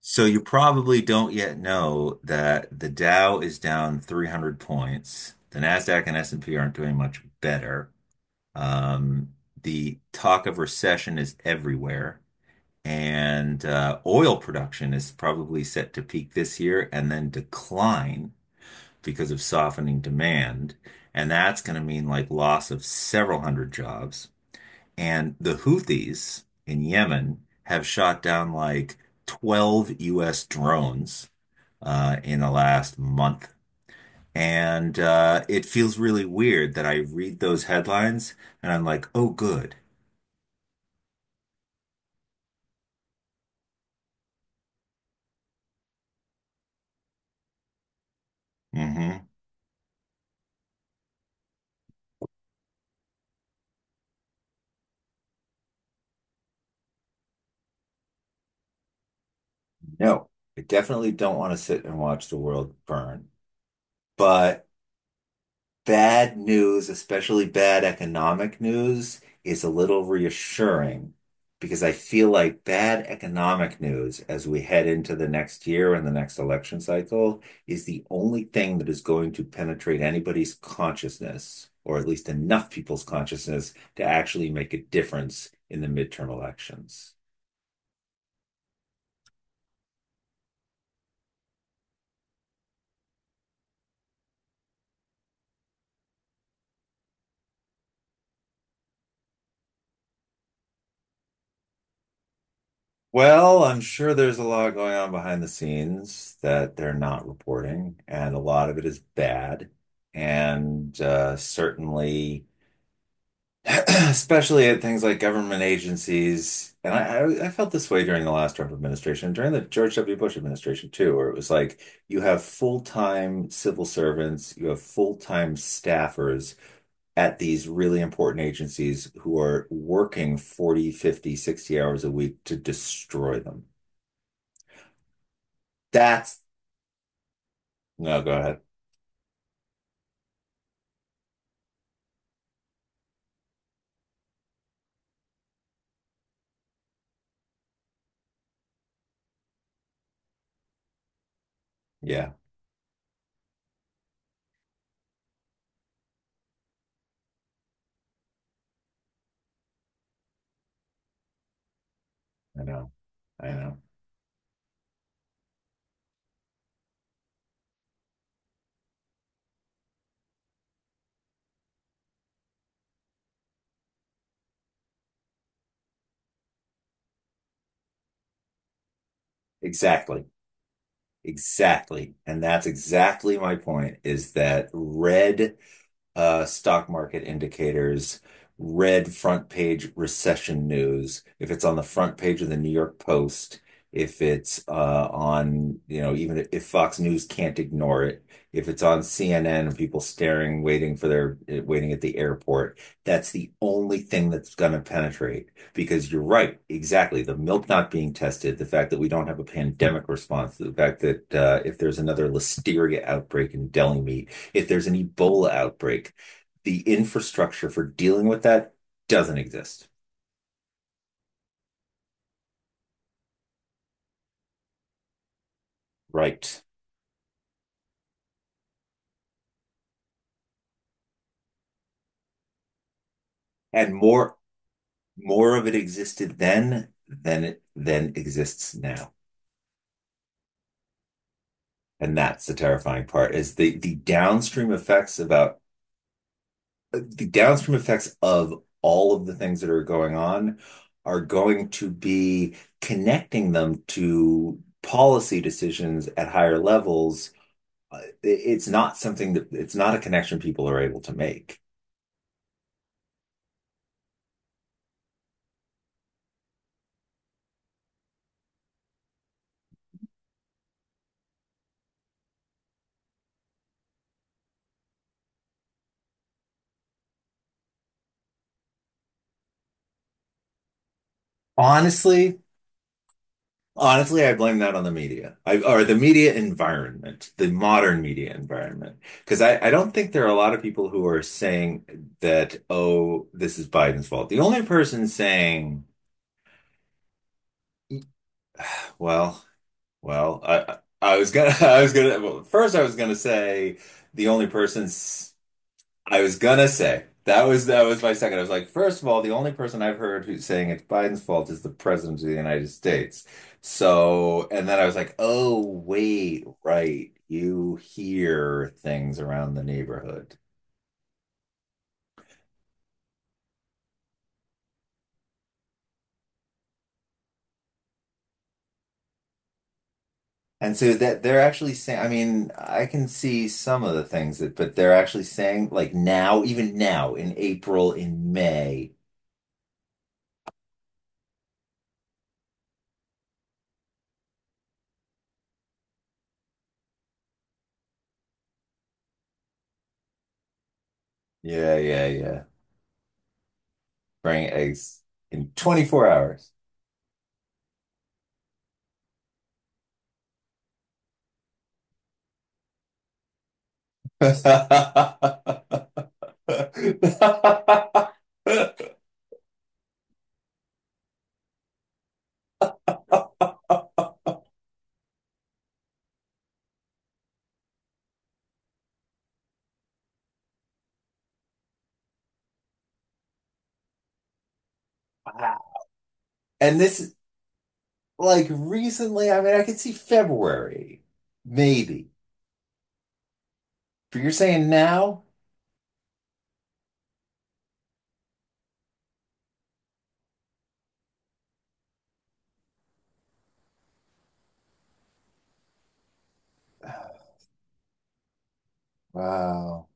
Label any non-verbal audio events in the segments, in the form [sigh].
So you probably don't yet know that the Dow is down 300 points. The Nasdaq and S&P aren't doing much better. Um, the talk of recession is everywhere, and oil production is probably set to peak this year and then decline because of softening demand, and that's going to mean like loss of several hundred jobs. And the Houthis in Yemen have shot down like 12 US drones in the last month. And it feels really weird that I read those headlines and I'm like, oh, good. Hmm. No, I definitely don't want to sit and watch the world burn. But bad news, especially bad economic news, is a little reassuring because I feel like bad economic news as we head into the next year and the next election cycle is the only thing that is going to penetrate anybody's consciousness, or at least enough people's consciousness, to actually make a difference in the midterm elections. Well, I'm sure there's a lot going on behind the scenes that they're not reporting, and a lot of it is bad. And certainly, [clears throat] especially at things like government agencies, and I felt this way during the last Trump administration, during the George W. Bush administration too, where it was like you have full-time civil servants, you have full-time staffers at these really important agencies who are working 40, 50, 60 hours a week to destroy them. That's No, go ahead. Yeah, I know. I know. Exactly. Exactly. And that's exactly my point is that red stock market indicators, red front page recession news, if it's on the front page of the New York Post, if it's on, you know, even if Fox News can't ignore it, if it's on CNN and people staring, waiting for their, eh, waiting at the airport, that's the only thing that's going to penetrate. Because you're right, exactly. The milk not being tested, the fact that we don't have a pandemic response, the fact that if there's another listeria outbreak in deli meat, if there's an Ebola outbreak, the infrastructure for dealing with that doesn't exist. Right. And more of it existed then than it than exists now. And that's the terrifying part is the downstream effects of all of the things that are going on are going to be connecting them to policy decisions at higher levels. Uh, It's not something that it's not a connection people are able to make. Honestly, honestly, I blame that on the media. I or the media environment, the modern media environment. Because I don't think there are a lot of people who are saying that, oh, this is Biden's fault. The only person saying, well, well, I was gonna [laughs] I was gonna well, first I was gonna say the only person's I was gonna say that was That was my second. I was like, first of all, the only person I've heard who's saying it's Biden's fault is the president of the United States. So, and then I was like, oh wait, right, you hear things around the neighborhood, and so that they're actually saying. I mean, I can see some of the things that, but they're actually saying like now, even now in April, in May, yeah, bring eggs in 24 hours. [laughs] Wow. And this, is- like recently, I mean, I could see February, maybe. But you're saying now? uh, Wow.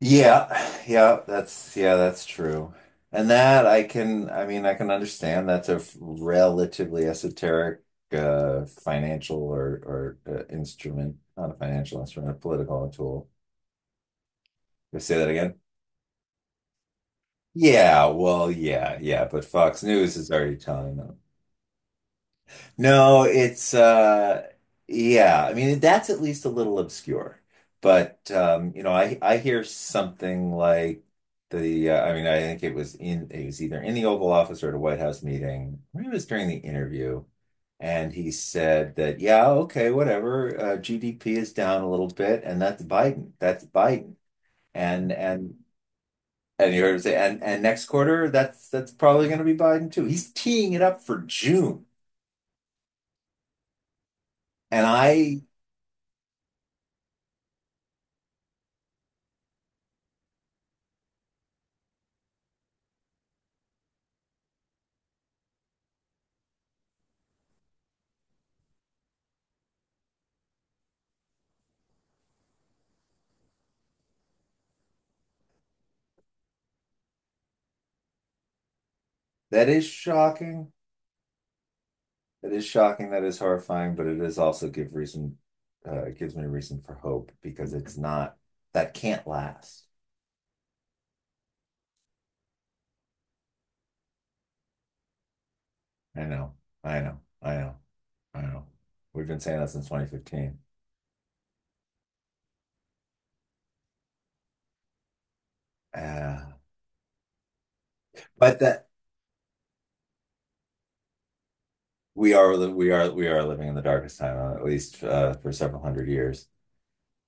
Yeah, that's true. And that I can, I mean, I can understand that's a relatively esoteric financial or instrument, not a financial instrument, a political tool. You say that again? Yeah, but Fox News is already telling them. No, it's Yeah, I mean that's at least a little obscure. But you know, I hear something like the I mean I think it was in it was either in the Oval Office or at a White House meeting. Maybe it was during the interview and he said that yeah, okay, whatever, GDP is down a little bit and that's Biden. That's Biden. And and and you heard him say and next quarter that's probably going to be Biden too. He's teeing it up for June. And I That is shocking. That is shocking. That is horrifying, but it is also give reason it gives me reason for hope because it's not that can't last. I know. I know. I know. I know. We've been saying that since 2015. Uh, but that We are living in the darkest time at least for several hundred years.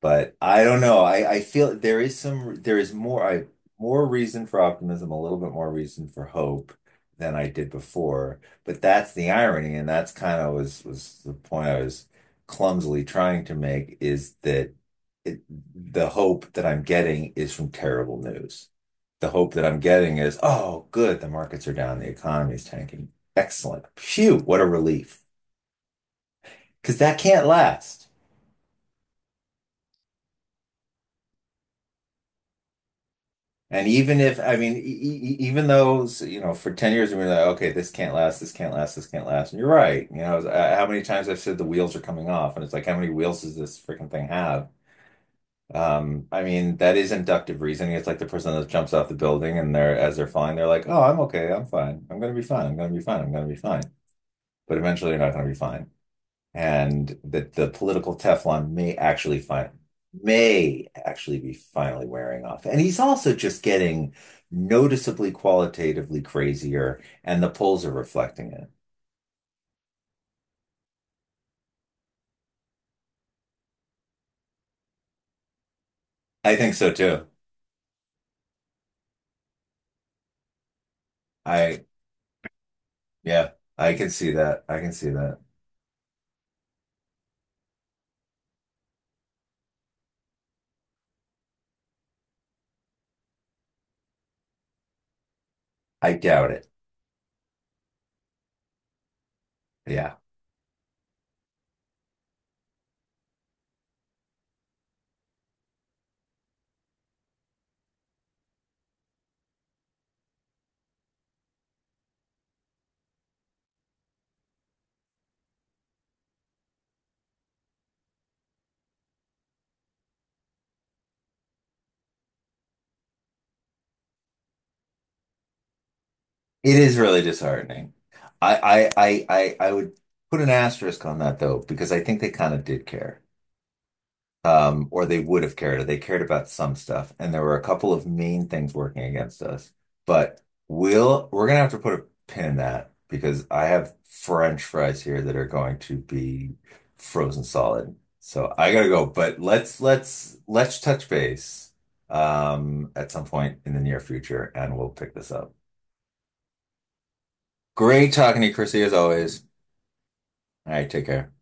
But I don't know. I feel there is more reason for optimism, a little bit more reason for hope than I did before. But that's the irony, and that's kind of was the point I was clumsily trying to make is that it, the hope that I'm getting is from terrible news. The hope that I'm getting is, oh, good, the markets are down, the economy is tanking. Excellent. Phew, what a relief. Because that can't last. And even if, I mean, even though, so, you know, for 10 years, we were like, okay, this can't last. And you're right. You know, how many times I've said the wheels are coming off, and it's like, how many wheels does this freaking thing have? I mean, that is inductive reasoning. It's like the person that jumps off the building and they're, as they're falling, they're like, oh, I'm okay, I'm fine. I'm gonna be fine. But eventually, you're not gonna be fine and that the political Teflon may actually be finally wearing off. And he's also just getting noticeably qualitatively crazier, and the polls are reflecting it. I think so too. I Yeah, I can see that. I can see that. I doubt it. Yeah. It is really disheartening. I would put an asterisk on that though, because I think they kind of did care. Or they would have cared. They cared about some stuff. And there were a couple of main things working against us. But we're gonna have to put a pin in that because I have French fries here that are going to be frozen solid. So I gotta go. But let's touch base at some point in the near future and we'll pick this up. Great talking to you, Chrissy, as always. All right, take care.